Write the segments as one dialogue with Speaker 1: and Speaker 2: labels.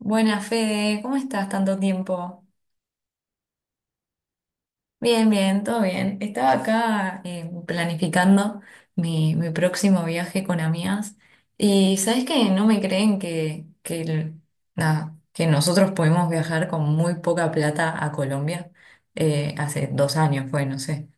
Speaker 1: Buenas, Fede, ¿cómo estás tanto tiempo? Bien, bien, todo bien. Estaba acá, planificando mi próximo viaje con amigas y sabes que no me creen nada, que nosotros pudimos viajar con muy poca plata a Colombia, hace 2 años, fue, no sé.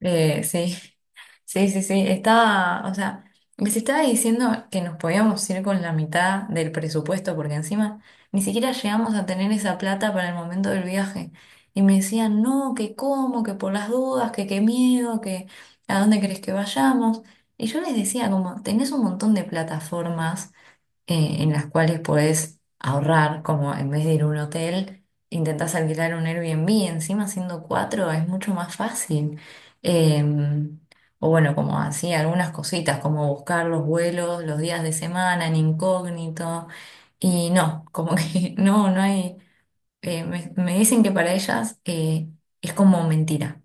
Speaker 1: Sí, sí, sí, sí, estaba, o sea, les estaba diciendo que nos podíamos ir con la mitad del presupuesto porque encima ni siquiera llegamos a tener esa plata para el momento del viaje. Y me decían, no, que cómo, que por las dudas, que qué miedo, que a dónde querés que vayamos. Y yo les decía, como, tenés un montón de plataformas, en las cuales podés ahorrar, como en vez de ir a un hotel, intentás alquilar un Airbnb, encima siendo cuatro es mucho más fácil. Em, o bueno, como así, algunas cositas, como buscar los vuelos, los días de semana en incógnito, y no, como que no, no hay, me dicen que para ellas, es como mentira.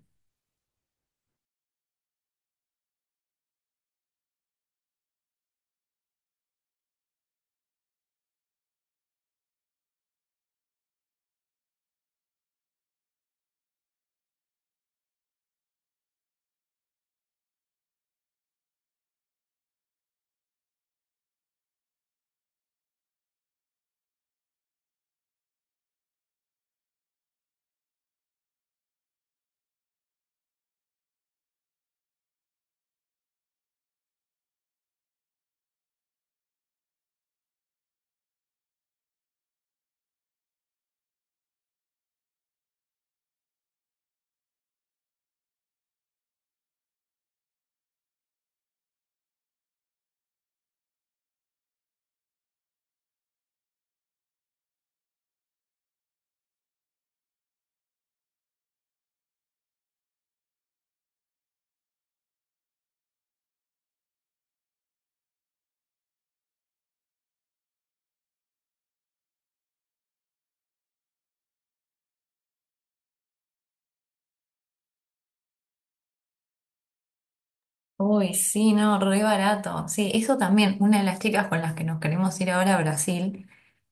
Speaker 1: Uy, sí, no, re barato. Sí, eso también, una de las chicas con las que nos queremos ir ahora a Brasil.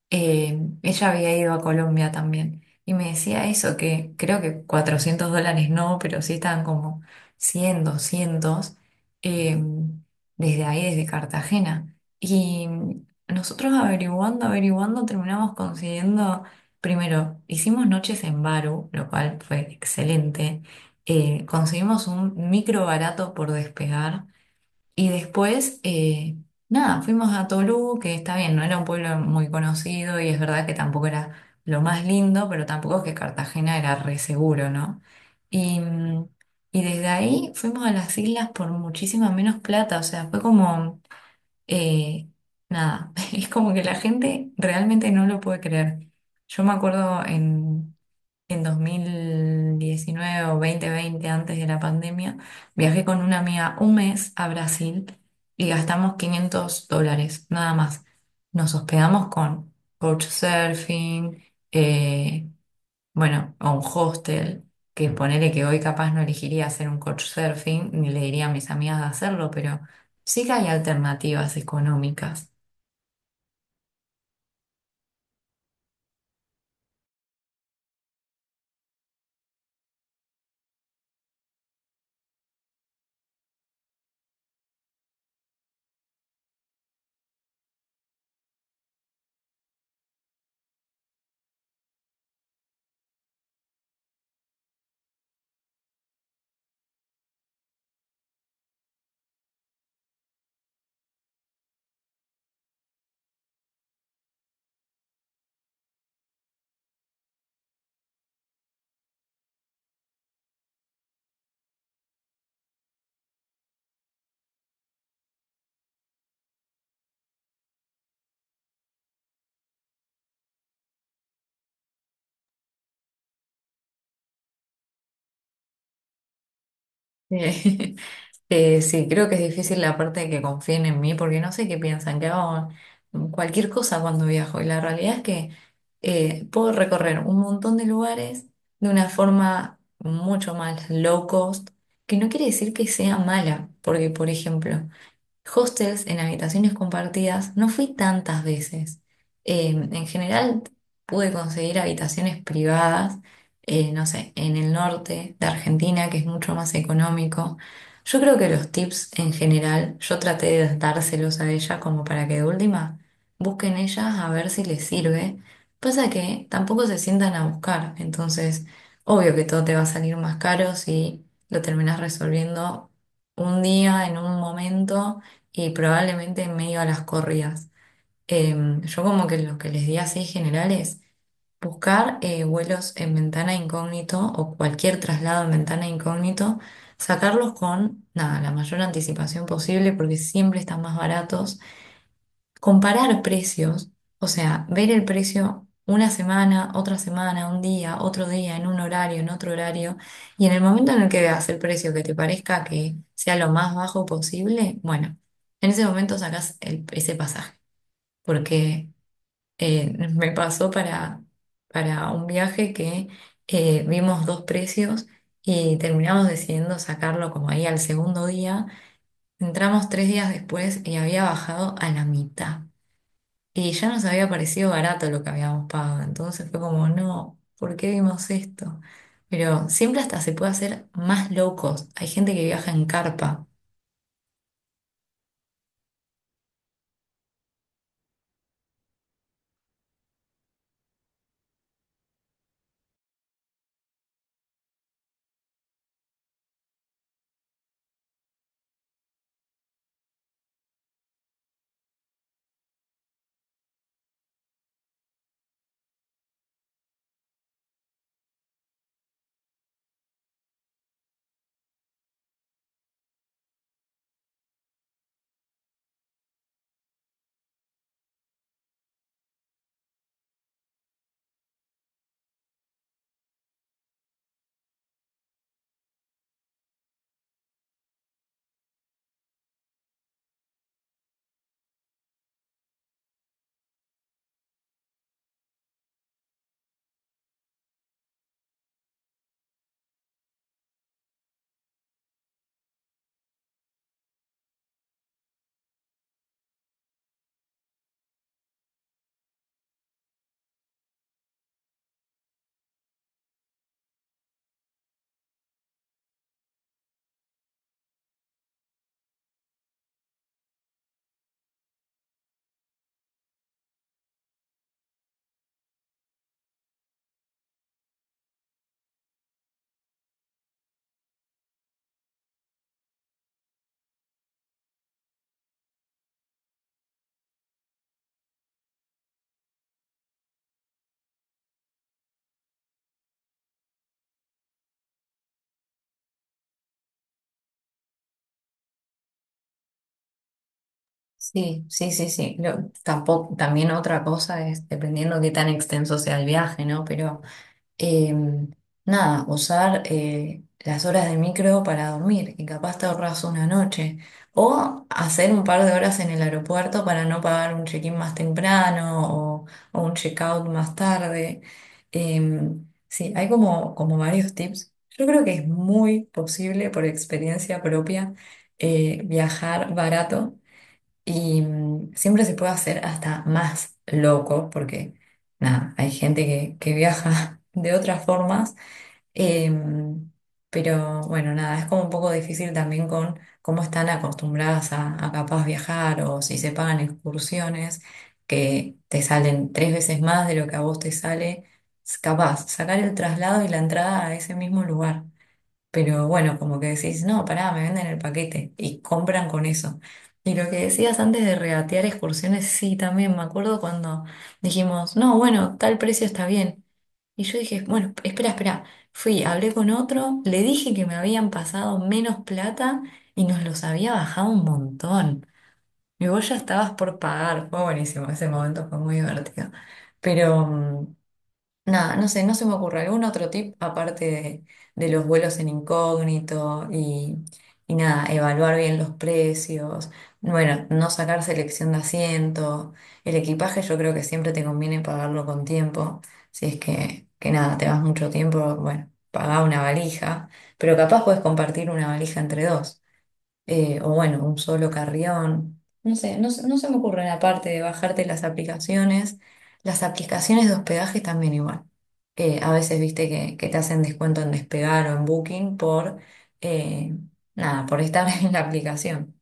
Speaker 1: Ella había ido a Colombia también y me decía eso, que creo que $400 no, pero sí estaban como 100, 200, eh, desde ahí, desde Cartagena. Y nosotros averiguando, averiguando, terminamos consiguiendo. Primero, hicimos noches en Baru, lo cual fue excelente. Conseguimos un micro barato por despegar y después, nada, fuimos a Tolú, que está bien, no era un pueblo muy conocido y es verdad que tampoco era lo más lindo, pero tampoco es que Cartagena era re seguro, ¿no? Y, mm, y desde ahí fuimos a las islas por muchísima menos plata, o sea, fue como, eh, nada, es como que la gente realmente no lo puede creer. Yo me acuerdo en 2019 o 2020, antes de la pandemia, viajé con una amiga un mes a Brasil y gastamos $500, nada más. Nos hospedamos con couchsurfing, eh, bueno, o un hostel, que ponele que hoy capaz no elegiría hacer un couchsurfing, ni le diría a mis amigas de hacerlo, pero sí que hay alternativas económicas. Eh, sí, creo que es difícil la parte de que confíen en mí, porque no sé qué piensan, que hago cualquier cosa cuando viajo. Y la realidad es que, puedo recorrer un montón de lugares de una forma mucho más low cost, que no quiere decir que sea mala, porque, por ejemplo, hostels en habitaciones compartidas no fui tantas veces. En general pude conseguir habitaciones privadas, no sé, en el norte de Argentina, que es mucho más económico. Yo creo que los tips en general, yo traté de dárselos a ella como para que de última busquen ellas a ver si les sirve. Pasa que tampoco se sientan a buscar, entonces obvio que todo te va a salir más caro si lo terminas resolviendo un día, en un momento, y probablemente en medio a las corridas. Yo como que lo que les di así general es buscar, vuelos en ventana incógnito o cualquier traslado en ventana incógnito, sacarlos con nada, la mayor anticipación posible porque siempre están más baratos, comparar precios, o sea, ver el precio una semana, otra semana, un día, otro día, en un horario, en otro horario, y en el momento en el que veas el precio que te parezca que sea lo más bajo posible, bueno, en ese momento sacas ese pasaje, porque, me pasó para un viaje que, vimos dos precios y terminamos decidiendo sacarlo como ahí al segundo día. Entramos 3 días después y había bajado a la mitad. Y ya nos había parecido barato lo que habíamos pagado, entonces fue como, no, ¿por qué vimos esto? Pero siempre hasta se puede hacer más low cost. Hay gente que viaja en carpa. Sí, sí, sí, sí. Tampoco, también otra cosa es dependiendo qué tan extenso sea el viaje, ¿no? Pero, eh, nada, usar, las horas de micro para dormir y capaz te ahorras una noche. O hacer un par de horas en el aeropuerto para no pagar un check-in más temprano, o un check-out más tarde. Eh, sí, hay, como varios tips. Yo creo que es muy posible, por experiencia propia, viajar barato y, siempre se puede hacer hasta más loco, porque nada, hay gente que viaja de otras formas. Em, pero bueno, nada, es como un poco difícil también con cómo están acostumbradas a capaz viajar, o si se pagan excursiones que te salen 3 veces más de lo que a vos te sale, capaz sacar el traslado y la entrada a ese mismo lugar. Pero bueno, como que decís, no, pará, me venden el paquete y compran con eso. Y lo que decías antes de regatear excursiones, sí, también me acuerdo cuando dijimos, no, bueno, tal precio está bien. Y yo dije, bueno, espera, espera. Fui, hablé con otro, le dije que me habían pasado menos plata y nos los había bajado un montón. Y vos ya estabas por pagar. Fue buenísimo, ese momento fue muy divertido. Pero, nada, no sé, no se me ocurre algún otro tip aparte de los vuelos en incógnito y nada, evaluar bien los precios, bueno, no sacar selección de asiento, el equipaje yo creo que siempre te conviene pagarlo con tiempo, si es que nada, te vas mucho tiempo, bueno, pagá una valija, pero capaz puedes compartir una valija entre dos, o bueno, un solo carrión. No sé, no, no se me ocurre la parte de bajarte las aplicaciones. Las aplicaciones de hospedaje también igual. A veces viste que te hacen descuento en Despegar o en Booking por, eh, nada, por estar en la aplicación.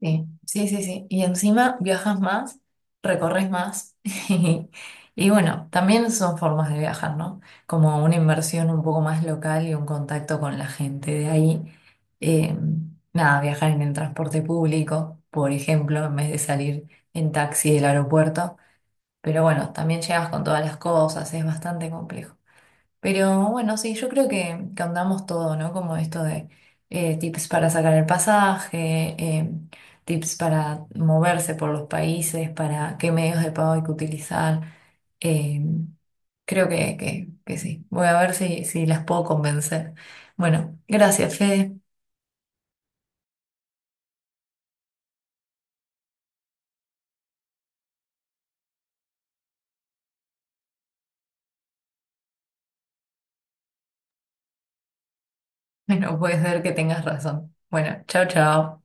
Speaker 1: Sí, sí, sí, sí. Y encima viajas más, recorres más. Y, bueno, también son formas de viajar, ¿no? Como una inversión un poco más local y un contacto con la gente de ahí. Eh, Nada, viajar en el transporte público, por ejemplo, en vez de salir en taxi del aeropuerto. Pero bueno, también llegas con todas las cosas, es bastante complejo. Pero bueno, sí, yo creo que andamos todo, ¿no? Como esto de, tips para sacar el pasaje, tips para moverse por los países, para qué medios de pago hay que utilizar. Eh, Creo que sí. Voy a ver si las puedo convencer. Bueno, gracias, Fede. Bueno, puede ser que tengas razón. Bueno, chao, chao.